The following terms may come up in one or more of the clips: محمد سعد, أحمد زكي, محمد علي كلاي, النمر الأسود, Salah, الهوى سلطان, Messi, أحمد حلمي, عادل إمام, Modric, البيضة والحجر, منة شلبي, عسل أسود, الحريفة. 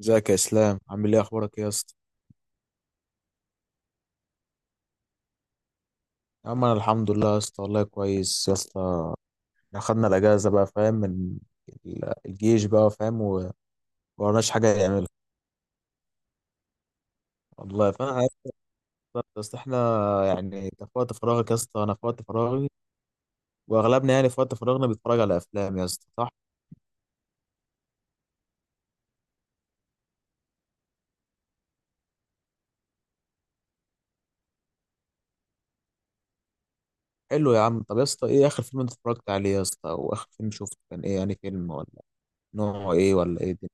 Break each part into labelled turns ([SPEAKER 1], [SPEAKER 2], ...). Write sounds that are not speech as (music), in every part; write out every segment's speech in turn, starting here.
[SPEAKER 1] ازيك يا اسلام، عامل ايه؟ اخبارك ايه يا اسطى؟ يا عم، انا الحمد لله يا اسطى، والله كويس يا اسطى. اخدنا الاجازه بقى، فاهم؟ من الجيش بقى فاهم، ومعناش حاجه نعملها. والله فانا عارف يا اسطى، احنا يعني انت في وقت فراغك يا اسطى، انا في وقت فراغي، واغلبنا يعني في وقت فراغنا بيتفرج على افلام يا اسطى، صح؟ حلو يا عم. طب يا اسطى، ايه اخر فيلم انت اتفرجت عليه يا اسطى؟ او اخر فيلم شفته كان ايه يعني؟ فيلم ولا نوعه ايه؟ ولا ايه دي؟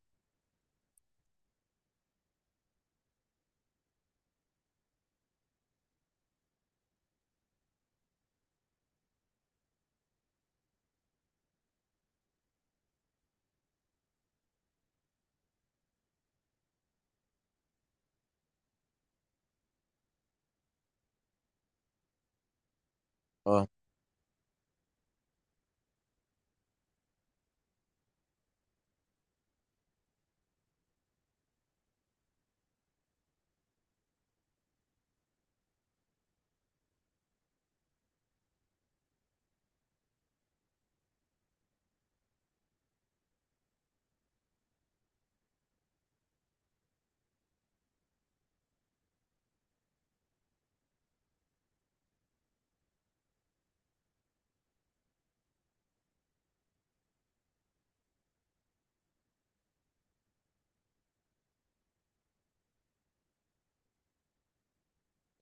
[SPEAKER 1] اه،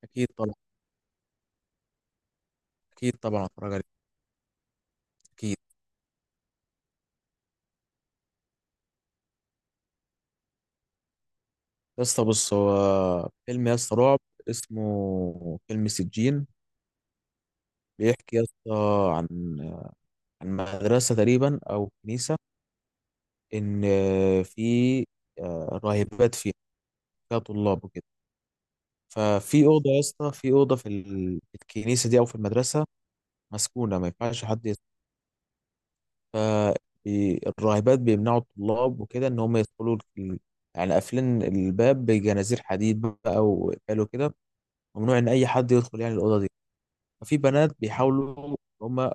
[SPEAKER 1] اكيد طبعا، اكيد طبعا اتفرج عليه. اكيد يا اسطى. بص، هو فيلم يا اسطى رعب، اسمه فيلم سجين. بيحكي يا اسطى عن عن مدرسة تقريبا أو كنيسة، إن في راهبات فيها، فيها طلاب وكده. ففي أوضة يا اسطى، في أوضة في في الكنيسة دي أو في المدرسة، مسكونة، ما ينفعش حد يدخل. فالراهبات بيمنعوا الطلاب وكده إن هم يدخلوا يعني قافلين الباب بجنازير حديد بقى، وقفلوا كده. ممنوع إن أي حد يدخل يعني الأوضة دي. ففي بنات بيحاولوا هم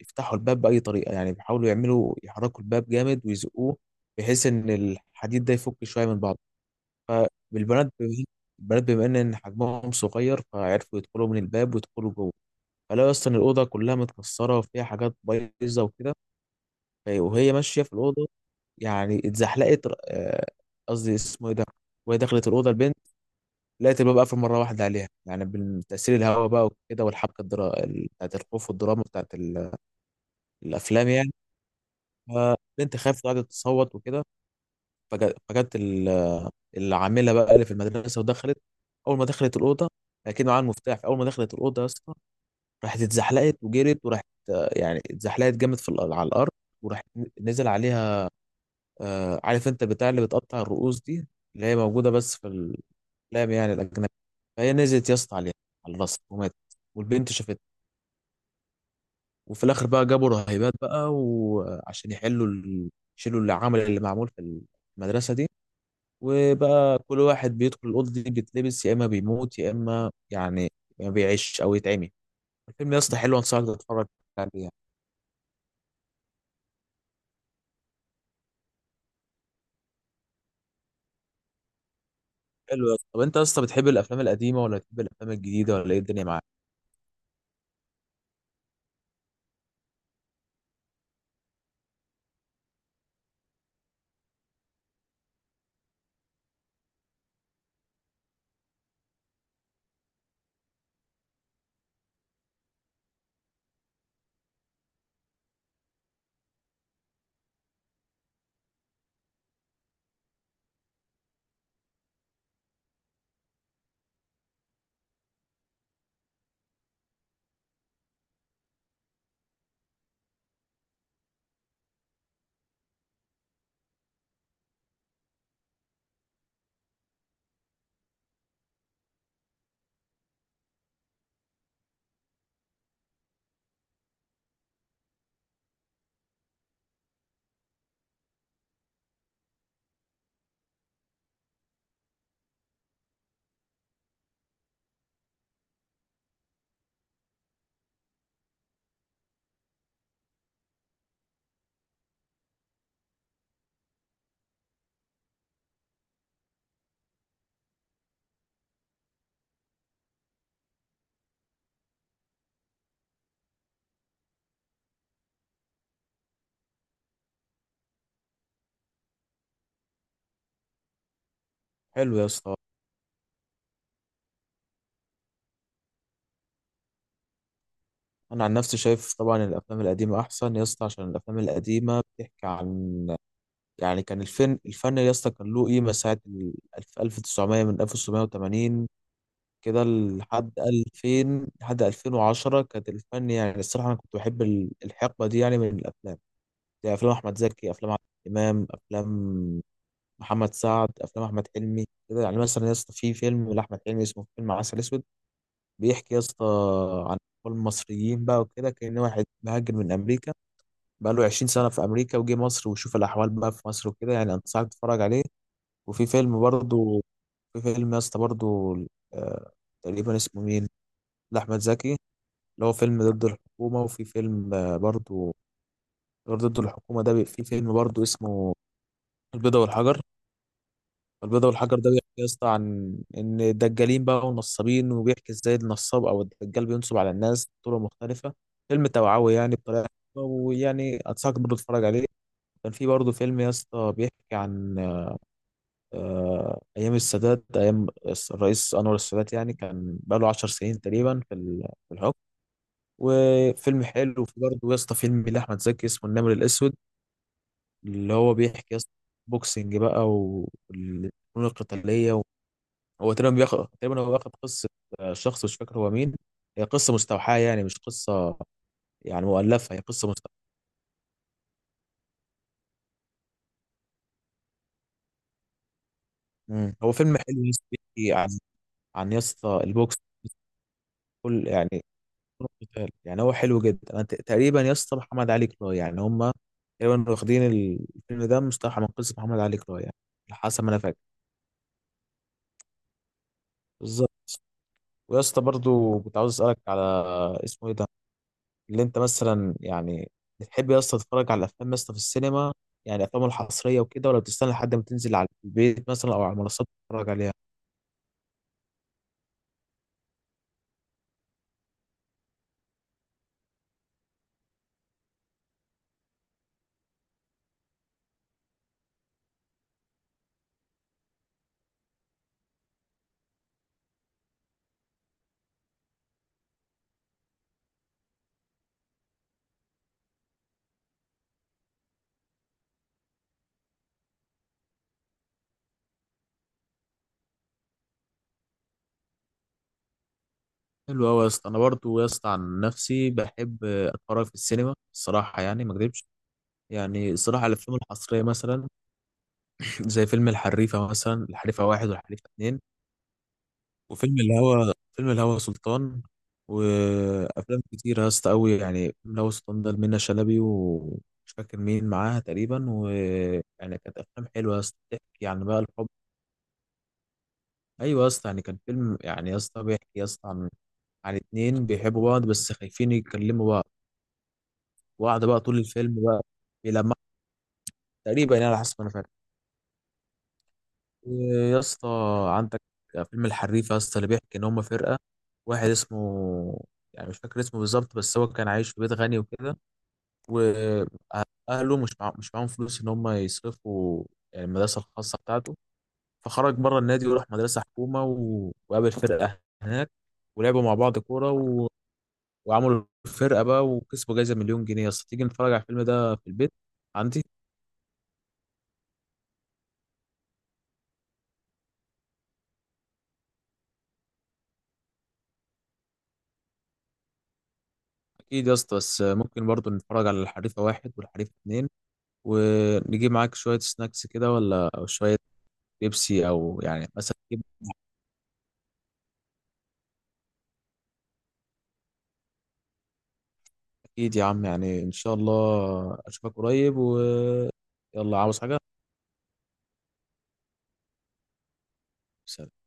[SPEAKER 1] يفتحوا الباب بأي طريقة، يعني بيحاولوا يعملوا، يحركوا الباب جامد ويزقوه بحيث إن الحديد ده يفك شوية من بعضه. فالبنات بم- البنات بما إن حجمهم صغير، فعرفوا يدخلوا من الباب ويدخلوا جوه. فلاقوا أصلا الأوضة كلها متكسرة وفيها حاجات بايظة وكده. وهي ماشية في الأوضة، يعني اتزحلقت، قصدي اسمه إيه ده. وهي دخلت الأوضة البنت، لقيت الباب قافل مرة واحدة عليها يعني، من تأثير الهواء بقى وكده، والحبكة بتاعت الخوف والدراما بتاعت الافلام يعني. فبنت خافت وقعدت تصوت وكده. فجت العامله بقى اللي في المدرسه ودخلت. اول ما دخلت الاوضه، اكيد معاها المفتاح، اول ما دخلت الاوضه يا اسطى، راحت اتزحلقت وجرت وراحت. يعني اتزحلقت جامد في على الارض، وراحت نزل عليها. عارف انت البتاع اللي بتقطع الرؤوس دي، اللي هي موجوده بس في الافلام يعني الاجنبي. فهي نزلت يا اسطى عليها على الرصيف وماتت، والبنت شافتها. وفي الاخر بقى جابوا رهيبات بقى، وعشان يحلوا يشيلوا العمل اللي معمول في المدرسه دي. وبقى كل واحد بيدخل الاوضه دي، بيتلبس يا اما بيموت، يا اما يعني ما بيعيش او يتعمي. الفيلم يا اسطى حلو، انصحك تتفرج عليه يعني. حلو يا اسطى. طب انت يا اسطى بتحب الافلام القديمه ولا بتحب الافلام الجديده ولا ايه الدنيا معاك؟ حلو يا اسطى. انا عن نفسي شايف طبعا الافلام القديمه احسن يا اسطى، عشان الافلام القديمه بتحكي عن، يعني كان الفن، الفن يا اسطى كان له قيمه ساعه 1900، من 1980 كده لحد 2000 لحد 2010 كانت الفن يعني. الصراحة أنا كنت بحب الحقبة دي يعني من الأفلام، زي أفلام أحمد زكي، أفلام عادل إمام، أفلام محمد سعد، أفلام أحمد حلمي كده. يعني مثلا يا اسطى، في فيلم لأحمد حلمي اسمه فيلم عسل أسود، بيحكي يا اسطى عن أطفال مصريين بقى وكده، كأن واحد مهاجر من أمريكا بقى له 20 سنة في أمريكا، وجه مصر وشوف الأحوال بقى في مصر وكده، يعني أنصحك تتفرج عليه. وفي فيلم برضه، في فيلم يا اسطى برضه، آه، تقريبا اسمه مين، لأحمد زكي، اللي هو فيلم ضد الحكومة. وفي فيلم برضو، غير ضد الحكومة ده، في فيلم برضو اسمه البيضة والحجر. البيضة والحجر ده بيحكي يا اسطى عن إن الدجالين بقى والنصابين، وبيحكي إزاي النصاب أو الدجال بينصب على الناس بطرق مختلفة. فيلم توعوي يعني، بطريقة حلوة، ويعني أنصحك برضو تتفرج عليه. كان في برضه فيلم يا اسطى بيحكي عن أيام السادات، أيام الرئيس أنور السادات، يعني كان بقاله 10 سنين تقريبا في في الحكم. وفيلم حلو في برضه يا اسطى، فيلم لاحمد زكي اسمه النمر الاسود، اللي هو بيحكي يا اسطى بوكسنج بقى والفنون القتاليه هو تقريبا بياخد، تقريبا هو واخد قصه، شخص مش فاكر هو مين. هي قصه مستوحاه يعني، مش قصه يعني مؤلفه، هي قصه مستوحاه. مم. هو فيلم حلو يا اسطى، بيحكي عن، يا اسطى البوكس، كل يعني فنون القتال. يعني هو حلو جدا. انا تقريبا يا اسطى محمد علي كلاي يعني، هم تقريبا واخدين الفيلم ده مستوحى من قصه محمد علي كلاي يعني، على حسب ما انا فاكر. بالظبط. ويا اسطى برضه كنت عاوز اسالك على، اسمه ايه ده، اللي انت مثلا يعني بتحب يا اسطى تتفرج على الافلام يا اسطى في السينما، يعني الافلام الحصريه وكده، ولا بتستنى لحد ما تنزل على البيت مثلا او على المنصات تتفرج عليها؟ حلو قوي يا اسطى. انا برضه يا اسطى عن نفسي بحب اتفرج في السينما الصراحه، يعني ما اكذبش. يعني الصراحه الافلام الحصريه مثلا، (laughs) (clears throat) زي فيلم الحريفه مثلا، الحريفه واحد والحريفه اتنين، وفيلم الهوى سلطان، وافلام كتير يا اسطى قوي. يعني فيلم الهوى سلطان ده منة شلبي ومش فاكر مين معاها تقريبا، ويعني كانت افلام حلوه يا اسطى بتحكي عن بقى الحب. ايوه يا اسطى، يعني كان فيلم يعني يا اسطى بيحكي يا اسطى عن اتنين بيحبوا بعض، بس خايفين يتكلموا بعض، بعض بقى طول الفيلم بقى بيلمح تقريبا يعني على حسب ما انا فاهم. يا اسطى عندك فيلم الحريف يا اسطى، اللي بيحكي ان هم فرقه. واحد اسمه، يعني مش فاكر اسمه بالظبط، بس هو كان عايش في بيت غني وكده، واهله مش معاهم فلوس ان هم يصرفوا يعني المدرسه الخاصه بتاعته. فخرج بره النادي، وراح مدرسه حكومه وقابل فرقه هناك، ولعبوا مع بعض كوره وعملوا فرقه بقى وكسبوا جايزه مليون جنيه. يا اسطى تيجي نتفرج على الفيلم ده في البيت عندي؟ اكيد يا اسطى. بس ممكن برضه نتفرج على الحريفه واحد والحريفه اتنين، ونجيب معاك شوية سناكس كده ولا، أو شوية بيبسي، أو يعني مثلا نجيب. أكيد يا عم، يعني إن شاء الله أشوفك قريب. ويلا، عاوز حاجة؟ سلام.